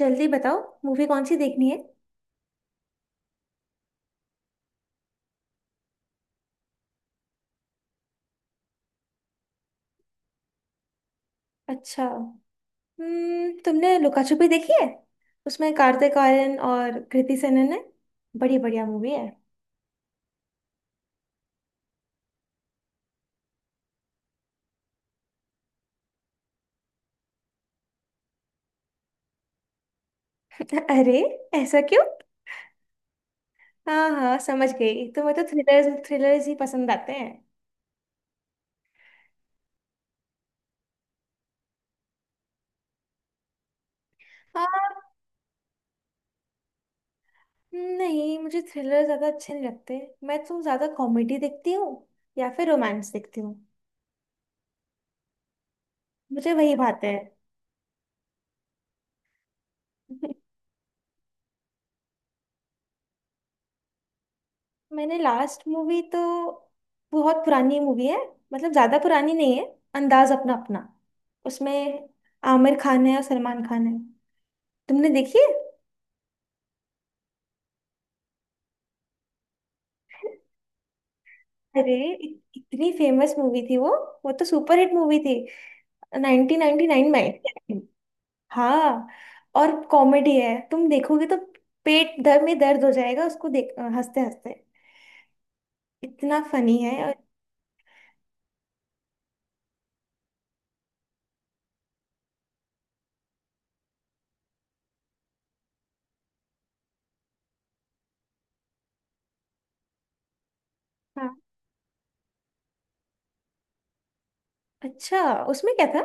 जल्दी बताओ। मूवी कौन सी देखनी है। अच्छा। हम्म, तुमने लुका छुपी देखी है? उसमें कार्तिक आर्यन और कृति सेनन है। बड़ी बढ़िया मूवी है। अरे, ऐसा क्यों? हाँ हाँ समझ गई, तुम्हें तो थ्रिलर्स थ्रिलर्स ही पसंद आते हैं। हाँ। नहीं, मुझे थ्रिलर ज्यादा अच्छे नहीं लगते। मैं तो ज्यादा कॉमेडी देखती हूँ, या फिर रोमांस देखती हूँ। मुझे वही भाते हैं। मैंने लास्ट मूवी तो, बहुत पुरानी मूवी है। मतलब ज्यादा पुरानी नहीं है। अंदाज अपना अपना। उसमें आमिर खान है और सलमान खान है। तुमने देखी है? अरे, इतनी फेमस मूवी थी वो। वो तो सुपरहिट मूवी थी, 1999 में। हाँ, और कॉमेडी है। तुम देखोगे तो पेट दर में दर्द हो जाएगा उसको देख, हंसते हंसते इतना फनी है। और हाँ, अच्छा। उसमें क्या था?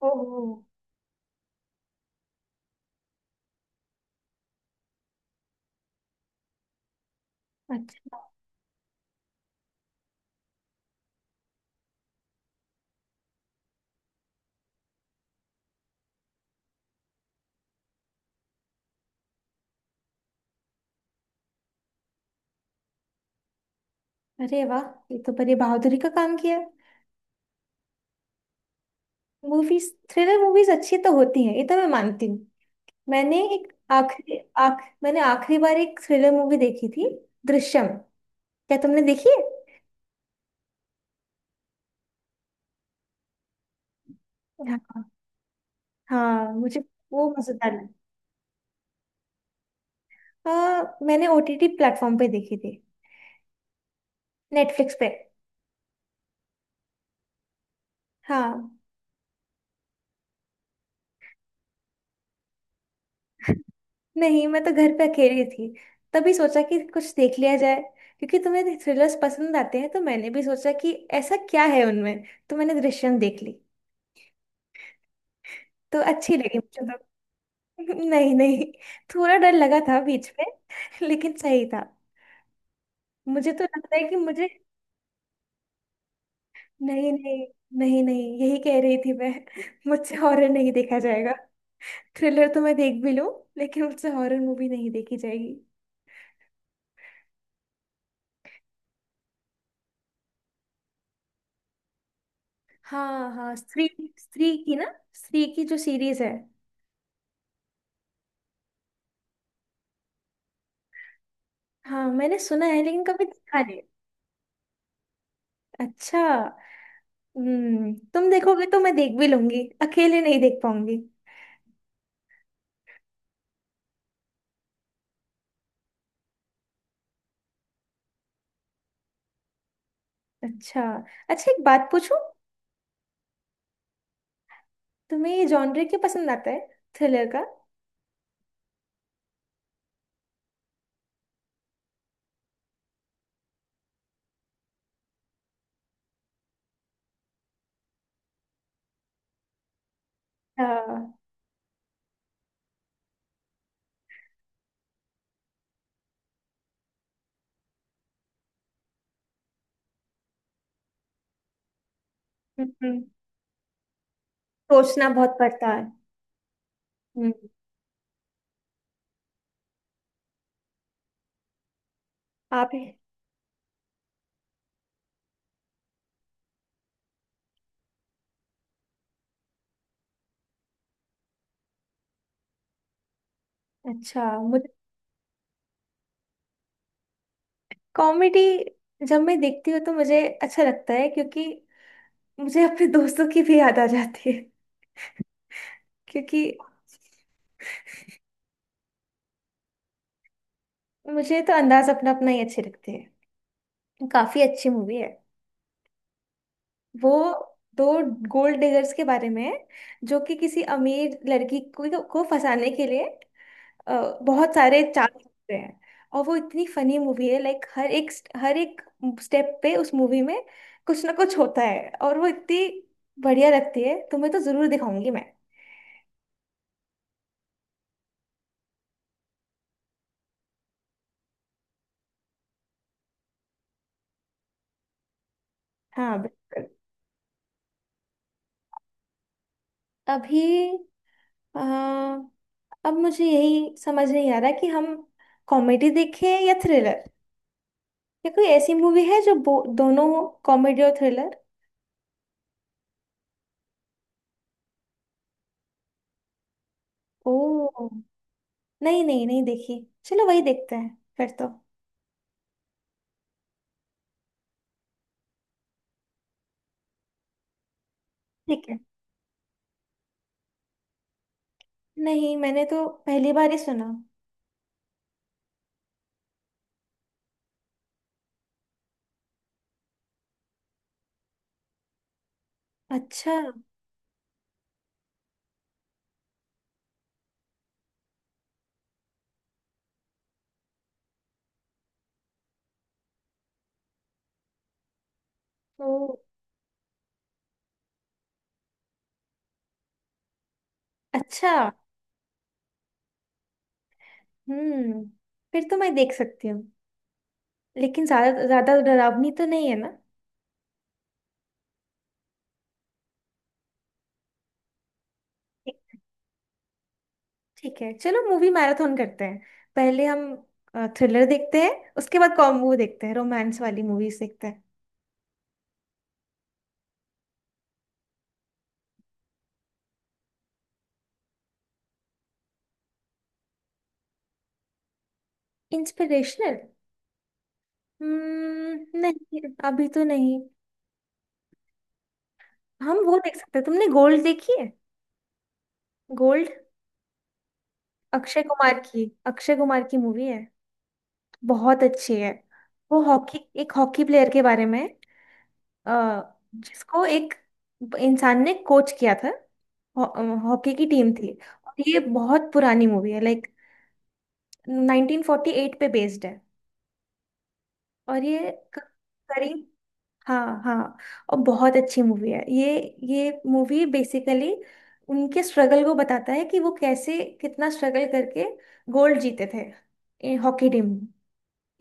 ओह, अच्छा। अरे वाह, ये तो बड़ी बहादुरी का काम किया। मूवीज, थ्रिलर मूवीज अच्छी तो होती हैं, ये तो मैं मानती हूँ। मैंने एक आखिरी मैंने आखिरी बार एक थ्रिलर मूवी देखी थी, दृश्यम। क्या तुमने देखी है? हाँ। हाँ, मुझे वो मजेदार लगी। मैंने ओटीटी प्लेटफॉर्म पे देखी थी, नेटफ्लिक्स पे। हाँ। नहीं, मैं तो घर पे अकेली थी। तभी सोचा कि कुछ देख लिया जाए, क्योंकि तुम्हें थ्रिलर्स पसंद आते हैं, तो मैंने भी सोचा कि ऐसा क्या है उनमें। तो मैंने दृश्यम देख ली। तो अच्छी लगी मुझे तो। नहीं नहीं, थोड़ा डर लगा था बीच में, लेकिन सही था। मुझे तो लगता है कि मुझे, नहीं नहीं, नहीं नहीं, यही कह रही थी मैं। मुझसे हॉरर नहीं देखा जाएगा। थ्रिलर तो मैं देख भी लूं, लेकिन मुझसे हॉरर मूवी नहीं देखी जाएगी। हाँ हाँ, स्त्री। स्त्री की ना, स्त्री की जो सीरीज है। हाँ, मैंने सुना है लेकिन कभी देखा नहीं। अच्छा। हम्म, तुम देखोगे तो मैं देख भी लूंगी, अकेले नहीं देख पाऊंगी। अच्छा। अच्छा, एक बात पूछूं? तुम्हें ये जॉनर क्यों पसंद आता है, थ्रिलर का? हाँ। हम्म। सोचना बहुत पड़ता है। हम्म। आप। अच्छा, मुझे कॉमेडी जब मैं देखती हूँ तो मुझे अच्छा लगता है, क्योंकि मुझे अपने दोस्तों की भी याद आ जाती है। क्योंकि मुझे तो अंदाज अपना अपना ही अच्छे लगते हैं। काफी अच्छी मूवी है वो। दो गोल्ड डिगर्स के बारे में है, जो कि किसी अमीर लड़की को फंसाने के लिए बहुत सारे चाल सकते हैं। और वो इतनी फनी मूवी है, लाइक हर एक स्टेप पे उस मूवी में कुछ ना कुछ होता है, और वो इतनी बढ़िया लगती है। तुम्हें तो जरूर दिखाऊंगी मैं। हाँ बिल्कुल। अभी अ, अब मुझे यही समझ नहीं आ रहा कि हम कॉमेडी देखें या थ्रिलर, या कोई ऐसी मूवी है जो दोनों, कॉमेडी और थ्रिलर। ओ, नहीं नहीं, नहीं देखी। चलो वही देखते हैं फिर तो। ठीक है। नहीं, मैंने तो पहली बार ही सुना। अच्छा। ओ, अच्छा। हम्म, फिर तो मैं देख सकती हूँ। लेकिन ज्यादा, ज्यादा डरावनी तो नहीं है ना? ठीक। ठीक है, चलो मूवी मैराथन करते हैं। पहले हम थ्रिलर देखते हैं, उसके बाद कॉम वो देखते हैं, रोमांस वाली मूवीज देखते हैं। इंस्पिरेशनल? हम्म, नहीं। अभी तो नहीं। हम वो देख सकते हैं, तुमने गोल्ड देखी है? गोल्ड, अक्षय कुमार की मूवी है। बहुत अच्छी है। वो हॉकी एक हॉकी प्लेयर के बारे में है। अ, जिसको एक इंसान ने कोच किया था। हॉ- अ, हॉकी की टीम थी। और ये बहुत पुरानी मूवी है, लाइक 1948 पे बेस्ड है। और करीब, हाँ हाँ। और बहुत अच्छी मूवी है ये। ये मूवी बेसिकली उनके स्ट्रगल को बताता है, कि वो कैसे, कितना स्ट्रगल करके गोल्ड जीते थे, हॉकी टीम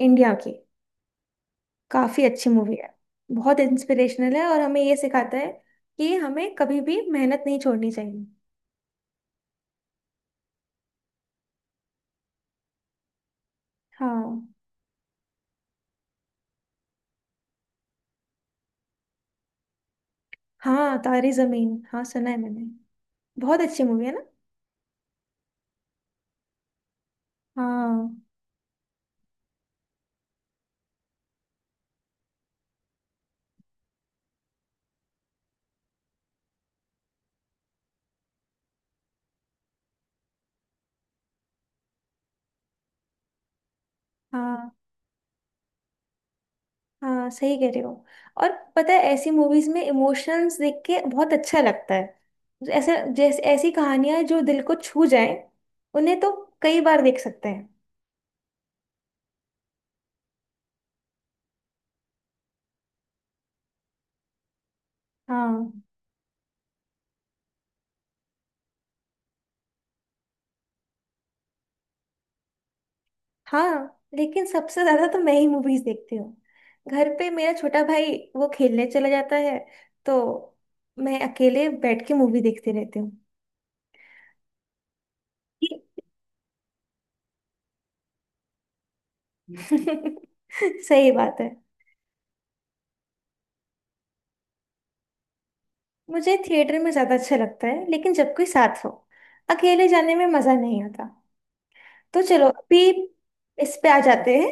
इंडिया की। काफी अच्छी मूवी है। बहुत इंस्पिरेशनल है और हमें ये सिखाता है कि हमें कभी भी मेहनत नहीं छोड़नी चाहिए। हाँ। हाँ तारे जमीन, हाँ सुना है मैंने। बहुत अच्छी मूवी है ना? हाँ हाँ हाँ, सही कह रहे हो। और पता है, ऐसी मूवीज में इमोशंस देख के बहुत अच्छा लगता है। ऐसा जैसे, ऐसी कहानियां जो दिल को छू जाए, उन्हें तो कई बार देख सकते हैं। हाँ। हाँ, लेकिन सबसे ज्यादा तो मैं ही मूवीज देखती हूँ। घर पे मेरा छोटा भाई वो खेलने चला जाता है, तो मैं अकेले बैठ के मूवी देखती रहती हूँ। सही बात है। मुझे थिएटर में ज्यादा अच्छा लगता है, लेकिन जब कोई साथ हो। अकेले जाने में मजा नहीं आता। तो चलो अभी इस पे आ जाते हैं,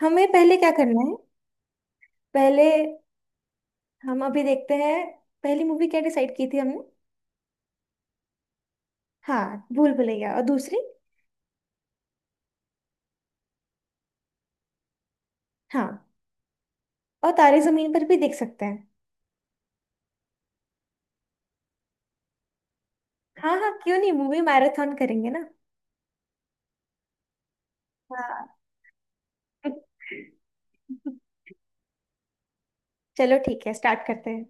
हमें पहले क्या करना है। पहले हम अभी देखते हैं, पहली मूवी क्या डिसाइड की थी हमने? हाँ, भूल भुलैया। और दूसरी? हाँ, और तारे जमीन पर भी देख सकते हैं। हाँ हाँ, क्यों नहीं, मूवी मैराथन करेंगे ना। हाँ। चलो ठीक है, स्टार्ट करते हैं।